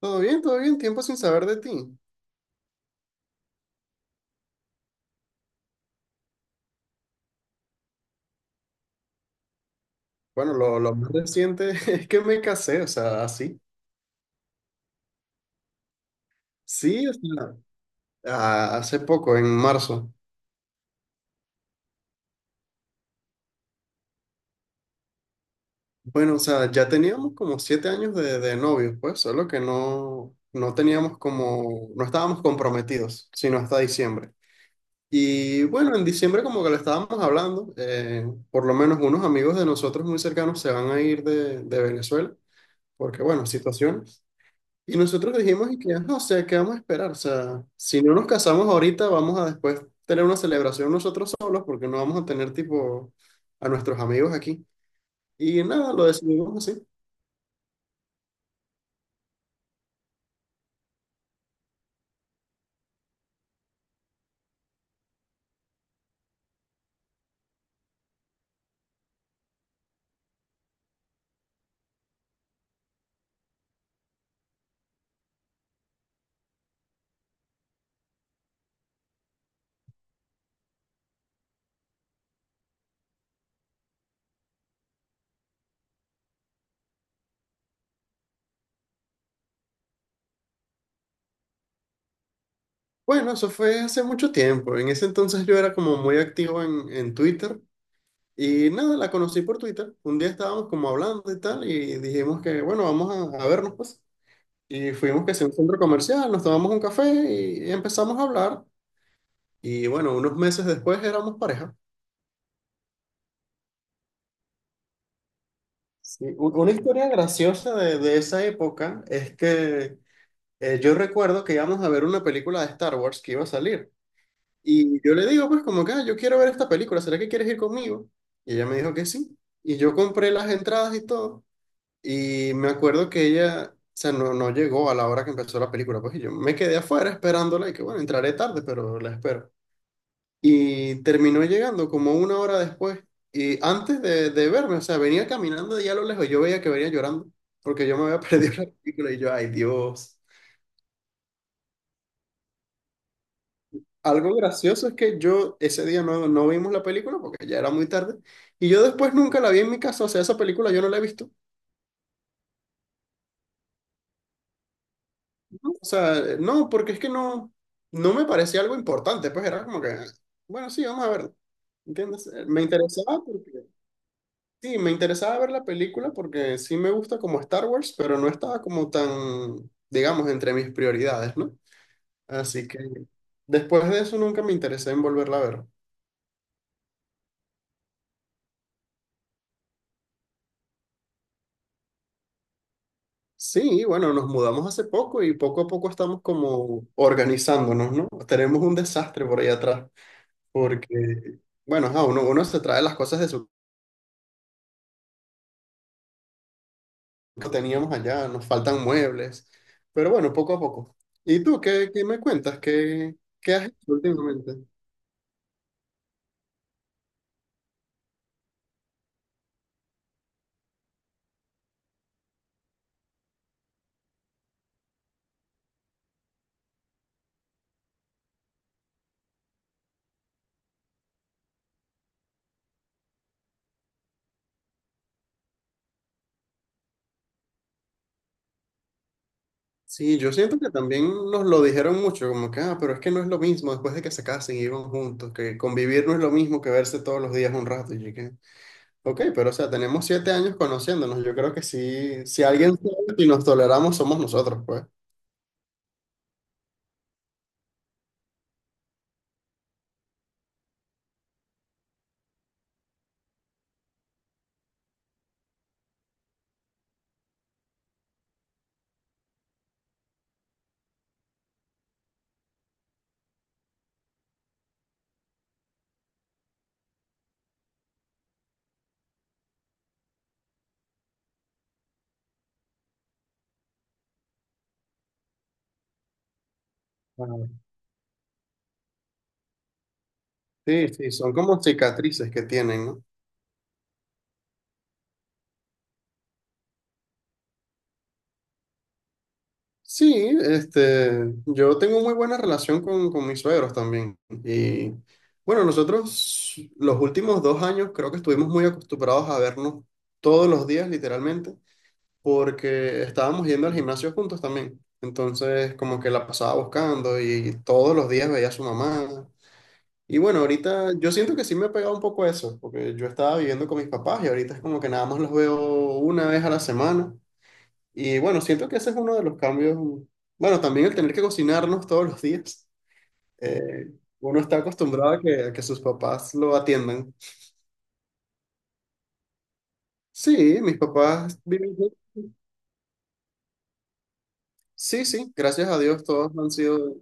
Todo bien, tiempo sin saber de ti. Bueno, lo más reciente es que me casé, o sea, así. Sí, o sea, hace poco, en marzo. Bueno, o sea, ya teníamos como 7 años de novios, pues, solo que no, no teníamos como, no estábamos comprometidos, sino hasta diciembre. Y bueno, en diciembre como que lo estábamos hablando, por lo menos unos amigos de nosotros muy cercanos se van a ir de Venezuela, porque bueno, situación. Y nosotros dijimos, y que, "Ajá, o sea, ¿qué vamos a esperar? O sea, si no nos casamos ahorita, vamos a después tener una celebración nosotros solos porque no vamos a tener tipo a nuestros amigos aquí. Y nada, lo decidimos así. Bueno, eso fue hace mucho tiempo. En ese entonces yo era como muy activo en Twitter y nada, la conocí por Twitter. Un día estábamos como hablando y tal y dijimos que, bueno, vamos a vernos pues. Y fuimos que sea un centro comercial, nos tomamos un café y empezamos a hablar. Y bueno, unos meses después éramos pareja. Sí, una historia graciosa de esa época es que yo recuerdo que íbamos a ver una película de Star Wars que iba a salir. Y yo le digo, pues como que, "Ah, yo quiero ver esta película, ¿será que quieres ir conmigo? Y ella me dijo que sí. Y yo compré las entradas y todo. Y me acuerdo que ella, o sea, no, no llegó a la hora que empezó la película. Pues y yo me quedé afuera esperándola y que, bueno, entraré tarde, pero la espero. Y terminó llegando como una hora después. Y antes de verme, o sea, venía caminando de allá a lo lejos. Yo veía que venía llorando porque yo me había perdido la película y yo, ay Dios. Algo gracioso es que yo ese día no, no vimos la película porque ya era muy tarde. Y yo después nunca la vi en mi casa. O sea, esa película yo no la he visto. O sea, no, porque es que no, no me parecía algo importante. Pues era como que, bueno, sí, vamos a verla. ¿Entiendes? Me interesaba porque sí, me interesaba ver la película porque sí me gusta como Star Wars, pero no estaba como tan, digamos, entre mis prioridades, ¿no? Así que después de eso nunca me interesé en volverla a ver. Sí, bueno, nos mudamos hace poco y poco a poco estamos como organizándonos, ¿no? Tenemos un desastre por ahí atrás, porque, bueno, ajá, uno se trae las cosas de su que teníamos allá, nos faltan muebles, pero bueno, poco a poco. ¿Y tú qué, me cuentas? ¿Qué has hecho últimamente? Sí, yo siento que también nos lo dijeron mucho, como que, pero es que no es lo mismo después de que se casen y vivan juntos, que convivir no es lo mismo que verse todos los días un rato. Y yo que, ok, pero o sea, tenemos 7 años conociéndonos, yo creo que sí, si alguien sabe y nos toleramos somos nosotros, pues. Ah, sí, sí, son como cicatrices que tienen, ¿no? Sí, este, yo tengo muy buena relación con mis suegros también. Y bueno, nosotros los últimos 2 años creo que estuvimos muy acostumbrados a vernos todos los días, literalmente. Porque estábamos yendo al gimnasio juntos también. Entonces, como que la pasaba buscando y todos los días veía a su mamá. Y bueno, ahorita yo siento que sí me ha pegado un poco eso, porque yo estaba viviendo con mis papás y ahorita es como que nada más los veo una vez a la semana. Y bueno, siento que ese es uno de los cambios. Bueno, también el tener que cocinarnos todos los días. Eh, uno está acostumbrado a que sus papás lo atiendan. Sí, mis papás viven. Sí, sí, gracias a Dios todos han sido.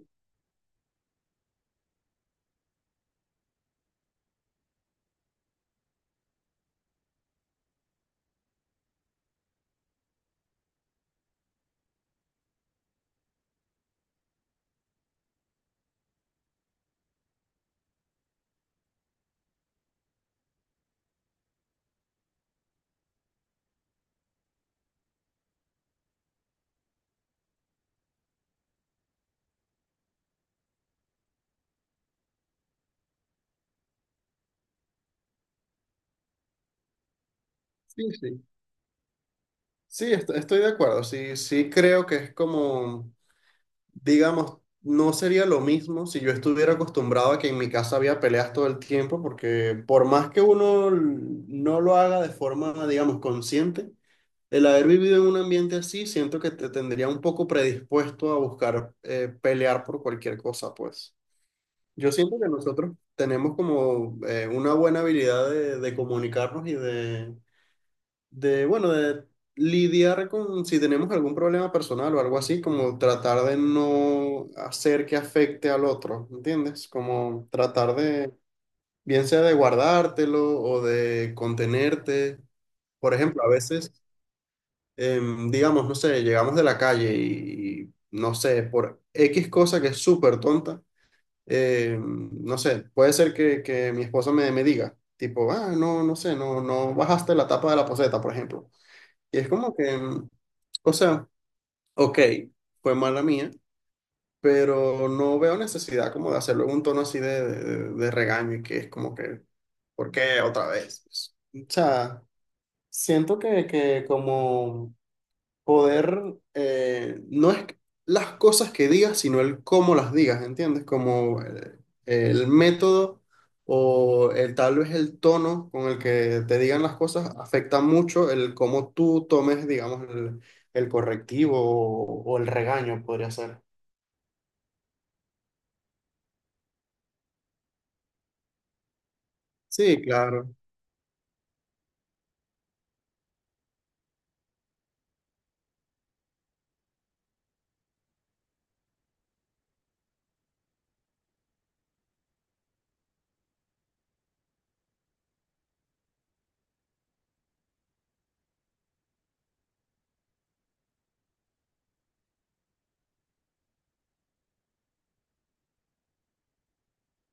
Sí, sí. Sí, estoy de acuerdo. Sí, sí creo que es como, digamos, no sería lo mismo si yo estuviera acostumbrado a que en mi casa había peleas todo el tiempo, porque por más que uno no lo haga de forma, digamos, consciente, el haber vivido en un ambiente así, siento que te tendría un poco predispuesto a buscar pelear por cualquier cosa, pues. Yo siento que nosotros tenemos como una buena habilidad de comunicarnos y de bueno, de lidiar con si tenemos algún problema personal o algo así, como tratar de no hacer que afecte al otro, ¿entiendes? Como tratar de, bien sea de guardártelo o de contenerte. Por ejemplo, a veces, digamos, no sé, llegamos de la calle y, no sé, por X cosa que es súper tonta, no sé, puede ser que mi esposa me, me diga. Tipo, ah, no, no sé, no, no bajaste la tapa de la poceta, por ejemplo. Y es como que, o sea, ok, fue mala mía, pero no veo necesidad como de hacerlo en un tono así de regaño y que es como que, ¿por qué otra vez? O sea, siento que como poder, no es las cosas que digas, sino el cómo las digas, ¿entiendes? Como el método o tal vez el tono con el que te digan las cosas afecta mucho el cómo tú tomes, digamos, el correctivo o el regaño, podría ser. Sí, claro.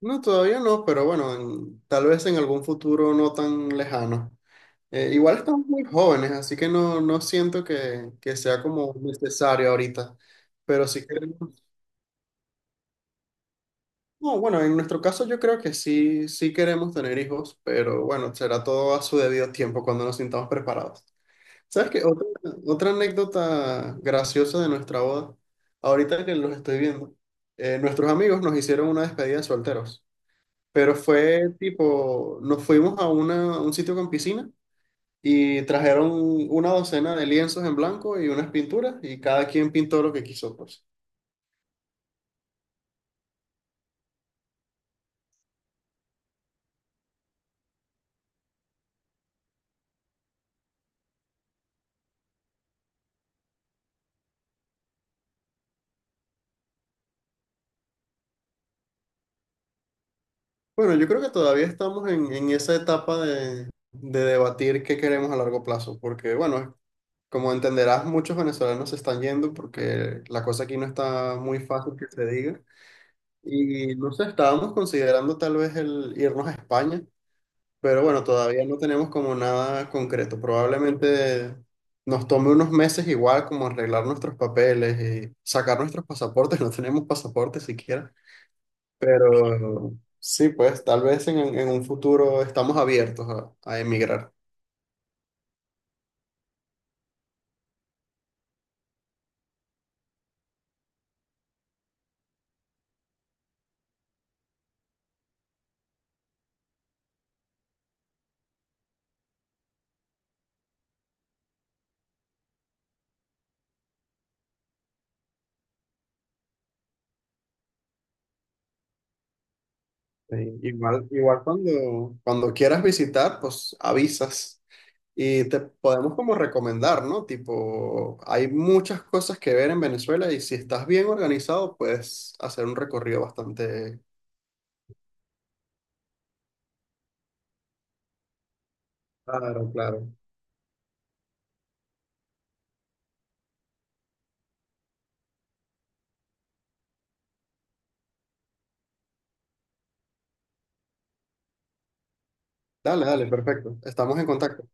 No, todavía no, pero bueno, tal vez en algún futuro no tan lejano. Igual estamos muy jóvenes, así que no, no siento que sea como necesario ahorita. Pero si queremos, no, bueno, en nuestro caso yo creo que sí, sí queremos tener hijos, pero bueno, será todo a su debido tiempo cuando nos sintamos preparados. ¿Sabes qué? Otra anécdota graciosa de nuestra boda, ahorita que los estoy viendo, nuestros amigos nos hicieron una despedida de solteros, pero fue tipo, nos fuimos a un sitio con piscina. Y trajeron una docena de lienzos en blanco y unas pinturas y cada quien pintó lo que quiso, pues. Bueno, yo creo que todavía estamos en esa etapa de debatir qué queremos a largo plazo, porque bueno, como entenderás, muchos venezolanos se están yendo porque la cosa aquí no está muy fácil que se diga. Y no sé, estábamos considerando tal vez el irnos a España. Pero bueno, todavía no tenemos como nada concreto. Probablemente nos tome unos meses igual como arreglar nuestros papeles y sacar nuestros pasaportes. No tenemos pasaportes siquiera. Pero sí, pues tal vez en un futuro estamos abiertos a emigrar. Sí, Igual cuando, cuando quieras visitar, pues avisas y te podemos como recomendar, ¿no? Tipo, hay muchas cosas que ver en Venezuela y si estás bien organizado, puedes hacer un recorrido bastante. Claro, claro. Dale, dale, perfecto. Estamos en contacto.